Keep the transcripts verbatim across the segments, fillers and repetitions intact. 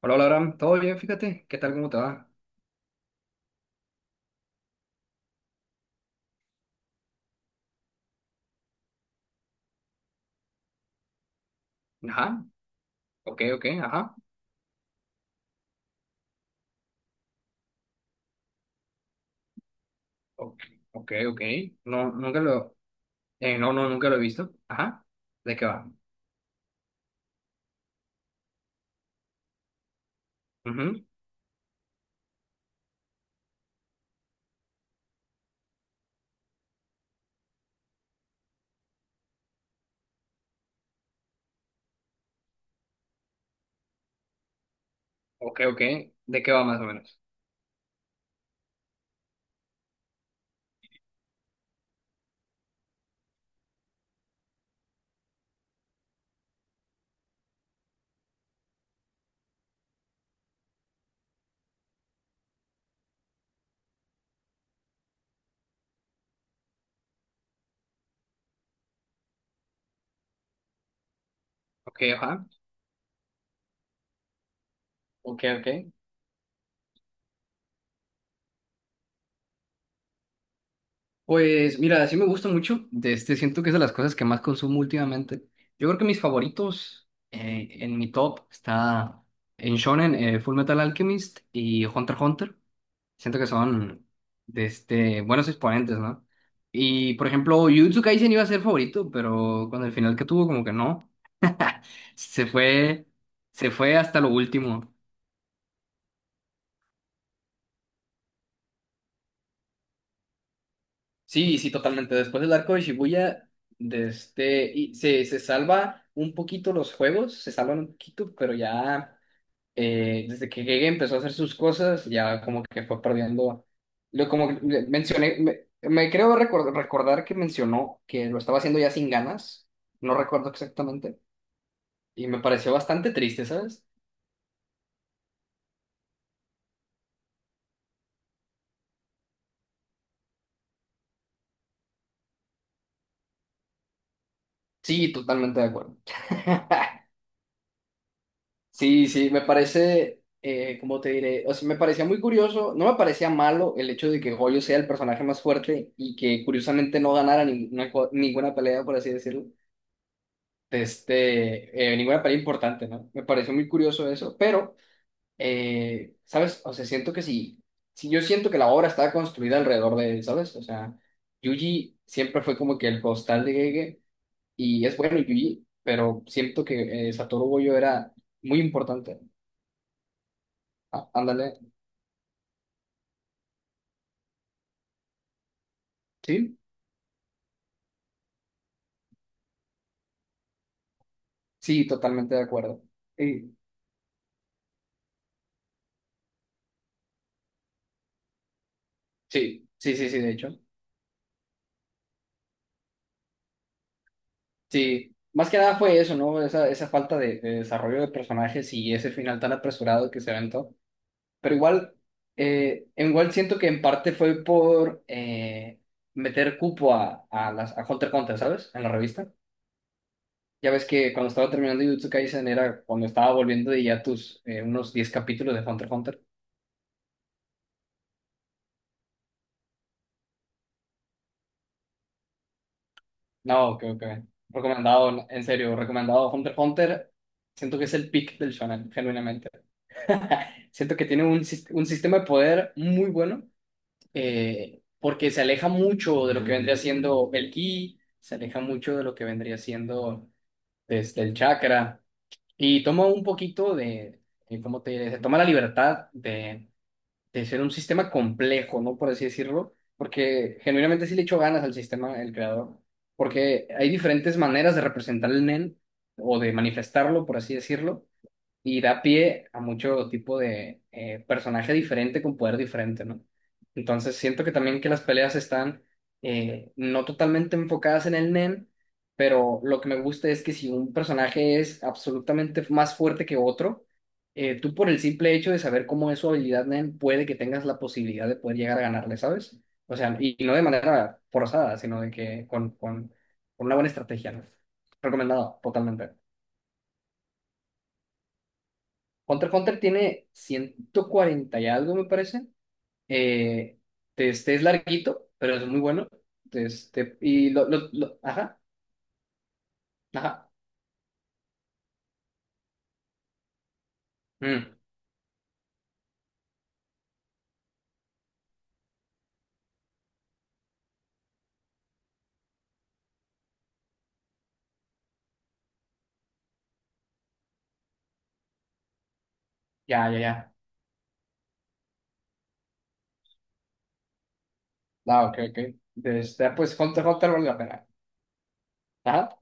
Hola, hola, Abraham. ¿Todo bien? Fíjate. ¿Qué tal? ¿Cómo te va? Ajá. Ok, ok, ajá. Ok, ok. Ok. No, nunca lo... eh, no, no, nunca lo he visto. Ajá. ¿De qué va? Ujú. Ok, ok. ¿De qué va más o menos? Ok, ajá. Ok, ok. Pues mira, sí me gusta mucho. De este, siento que es de las cosas que más consumo últimamente. Yo creo que mis favoritos eh, en mi top está en Shonen, eh, Full Metal Alchemist y Hunter x Hunter. Siento que son de este, buenos exponentes, ¿no? Y por ejemplo, Jujutsu Kaisen iba a ser favorito, pero con el final que tuvo, como que no. Se fue, se fue hasta lo último. Sí, sí, totalmente. Después del arco de Shibuya, de este, y se, se salva un poquito los juegos, se salvan un poquito, pero ya. Eh, desde que llegué empezó a hacer sus cosas, ya como que fue perdiendo. Lo, como que le- mencioné, me, me creo recor- recordar que mencionó que lo estaba haciendo ya sin ganas, no recuerdo exactamente, y me pareció bastante triste, ¿sabes? Sí, totalmente de acuerdo. Sí, sí, me parece, eh, ¿cómo te diré? O sea, me parecía muy curioso, no me parecía malo el hecho de que Goyo sea el personaje más fuerte y que curiosamente no ganara ninguna, co- ninguna pelea, por así decirlo. De este, eh, ninguna pelea importante, ¿no? Me pareció muy curioso eso, pero, eh, ¿sabes? O sea, siento que sí, sí, yo siento que la obra estaba construida alrededor de él, ¿sabes? O sea, Yuji siempre fue como que el costal de Gege, y es bueno Yuji, pero siento que eh, Satoru Gojo era muy importante. Ah, ándale, ¿sí? Sí, totalmente de acuerdo. Sí, sí, sí, sí, sí, de hecho. Sí. Más que nada fue eso, ¿no? Esa, esa falta de, de desarrollo de personajes y ese final tan apresurado que se aventó. Pero igual, eh, igual siento que en parte fue por eh, meter cupo a, a, las, a Hunter x Hunter, ¿sabes? En la revista. Ya ves que cuando estaba terminando Jujutsu Kaisen era cuando estaba volviendo de ya eh, unos diez capítulos de Hunter x Hunter. No, creo que recomendado, en serio, recomendado Hunter x Hunter. Siento que es el pick del shonen, genuinamente. Siento que tiene un, sis- un sistema de poder muy bueno eh, porque se aleja mucho de lo que vendría siendo el Mm, ki, se aleja mucho de lo que vendría siendo desde el chakra y toma un poquito de, eh, ¿cómo te diré? Se toma la libertad de, de ser un sistema complejo, ¿no? Por así decirlo, porque genuinamente sí le echó ganas al sistema, el creador, porque hay diferentes maneras de representar el Nen o de manifestarlo, por así decirlo, y da pie a mucho tipo de eh, personaje diferente con poder diferente, ¿no? Entonces siento que también que las peleas están eh, no totalmente enfocadas en el Nen, pero lo que me gusta es que si un personaje es absolutamente más fuerte que otro, eh, tú por el simple hecho de saber cómo es su habilidad Nen, puede que tengas la posibilidad de poder llegar a ganarle, ¿sabes? O sea, y, y no de manera forzada, sino de que con, con, con una buena estrategia, ¿no? Recomendado, totalmente. Hunter x Hunter tiene ciento cuarenta y algo, me parece. Eh, este es larguito, pero es muy bueno. Este, y lo, lo, lo- ajá, ajá. Mm, ya, ya, ya. Ah, ok, ok. Este, ah, pues Hunter x Hunter vale la pena. Ajá.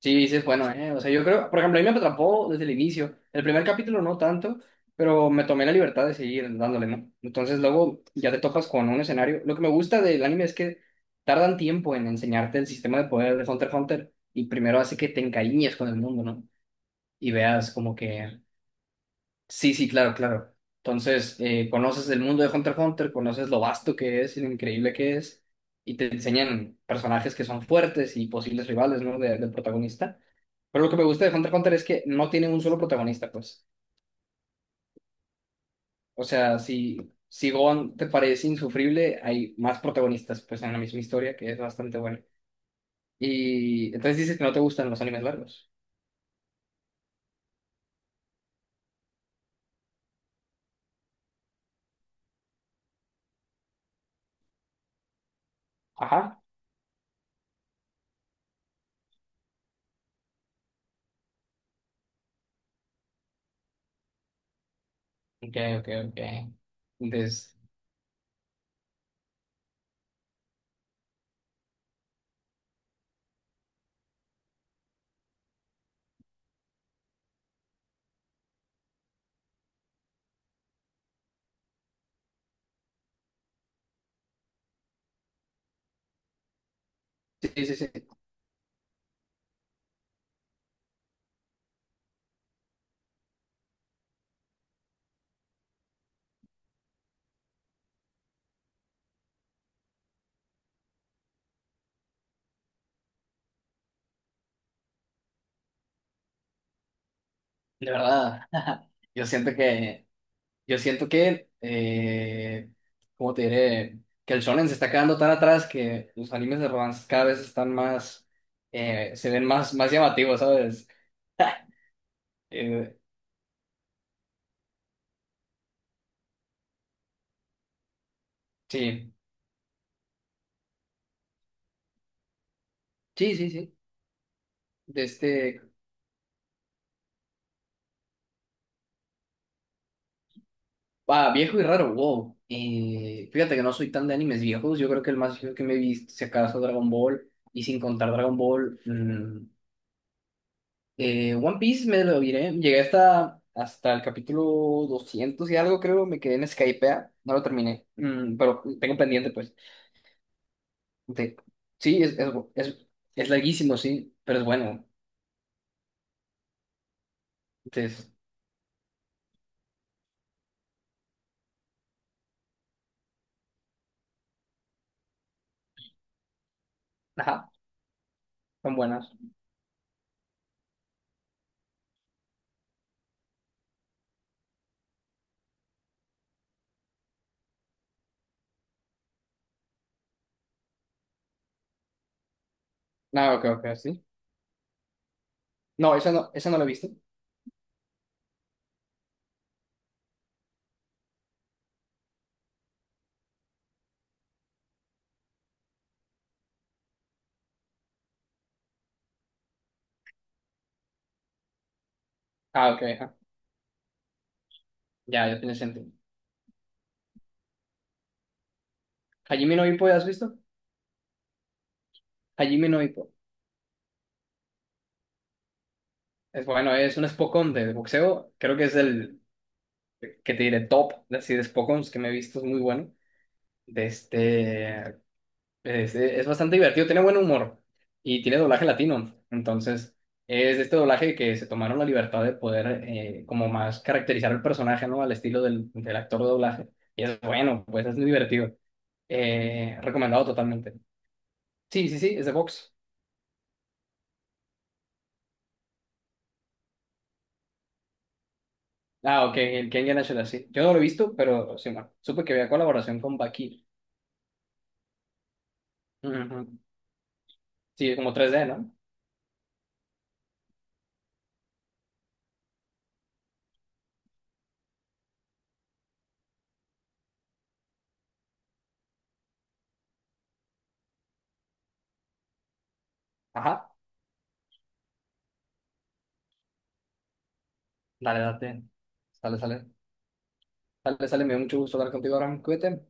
Sí, sí es bueno, ¿eh? O sea, yo creo, por ejemplo, a mí me atrapó desde el inicio. El primer capítulo no tanto, pero me tomé la libertad de seguir dándole, ¿no? Entonces luego ya te topas con un escenario. Lo que me gusta del anime es que tardan tiempo en enseñarte el sistema de poder de Hunter x Hunter y primero hace que te encariñes con el mundo, ¿no? Y veas como que Sí, sí, claro, claro. Entonces, eh, conoces el mundo de Hunter x Hunter, conoces lo vasto que es y lo increíble que es, y te enseñan personajes que son fuertes y posibles rivales, ¿no? De- del protagonista. Pero lo que me gusta de Hunter x Hunter es que no tiene un solo protagonista, pues. O sea, si, si Gohan te parece insufrible, hay más protagonistas, pues, en la misma historia, que es bastante bueno. Y entonces dices que no te gustan los animes largos. Ajá. Ok, ok, ok. Entonces, sí, sí, sí. De verdad. Yo siento que Yo siento que, eh, ¿cómo te diré? Que el shonen se está quedando tan atrás que los animes de romance cada vez están más, eh, se ven más, más llamativos, ¿sabes? Eh, sí, sí, sí, sí. De este, ah, viejo y raro, wow. Eh, fíjate que no soy tan de animes viejos. Yo creo que el más viejo que me he visto, si acaso, Dragon Ball. Y sin contar Dragon Ball, mm, Eh, One Piece me lo diré. Llegué hasta, hasta el capítulo doscientos y algo, creo. Me quedé en Skypea. No lo terminé. Mm, pero tengo pendiente, pues. De- sí, es, es, es, es larguísimo, sí. Pero es bueno. Entonces, ajá, son buenas. Ah, ok, ok, sí. No, esa no, esa no la he visto. Ah, ok, ajá. Ya, ya tiene sentido. Hajime no Ippo, ¿ya has visto? Hajime no Ippo. Es bueno, es un Spokon de boxeo. Creo que es el que te diré top, así de Spokons que me he visto. Es muy bueno. De este. Es, es bastante divertido, tiene buen humor y tiene doblaje latino. Entonces, es este doblaje que se tomaron la libertad de poder eh, como más caracterizar el personaje, ¿no? Al estilo del, del actor de doblaje. Y es bueno, pues es muy divertido. Eh, recomendado totalmente. Sí, sí, sí, es de Vox. Ah, ok, el Ken Yanashiro, sí. Yo no lo he visto, pero sí, no. Supe que había colaboración con Baki. Ujú. Sí, como tres D, ¿no? Ajá, dale, date. Sale, sale. Sale, sale, me dio mucho gusto hablar contigo ahora. Cuídate.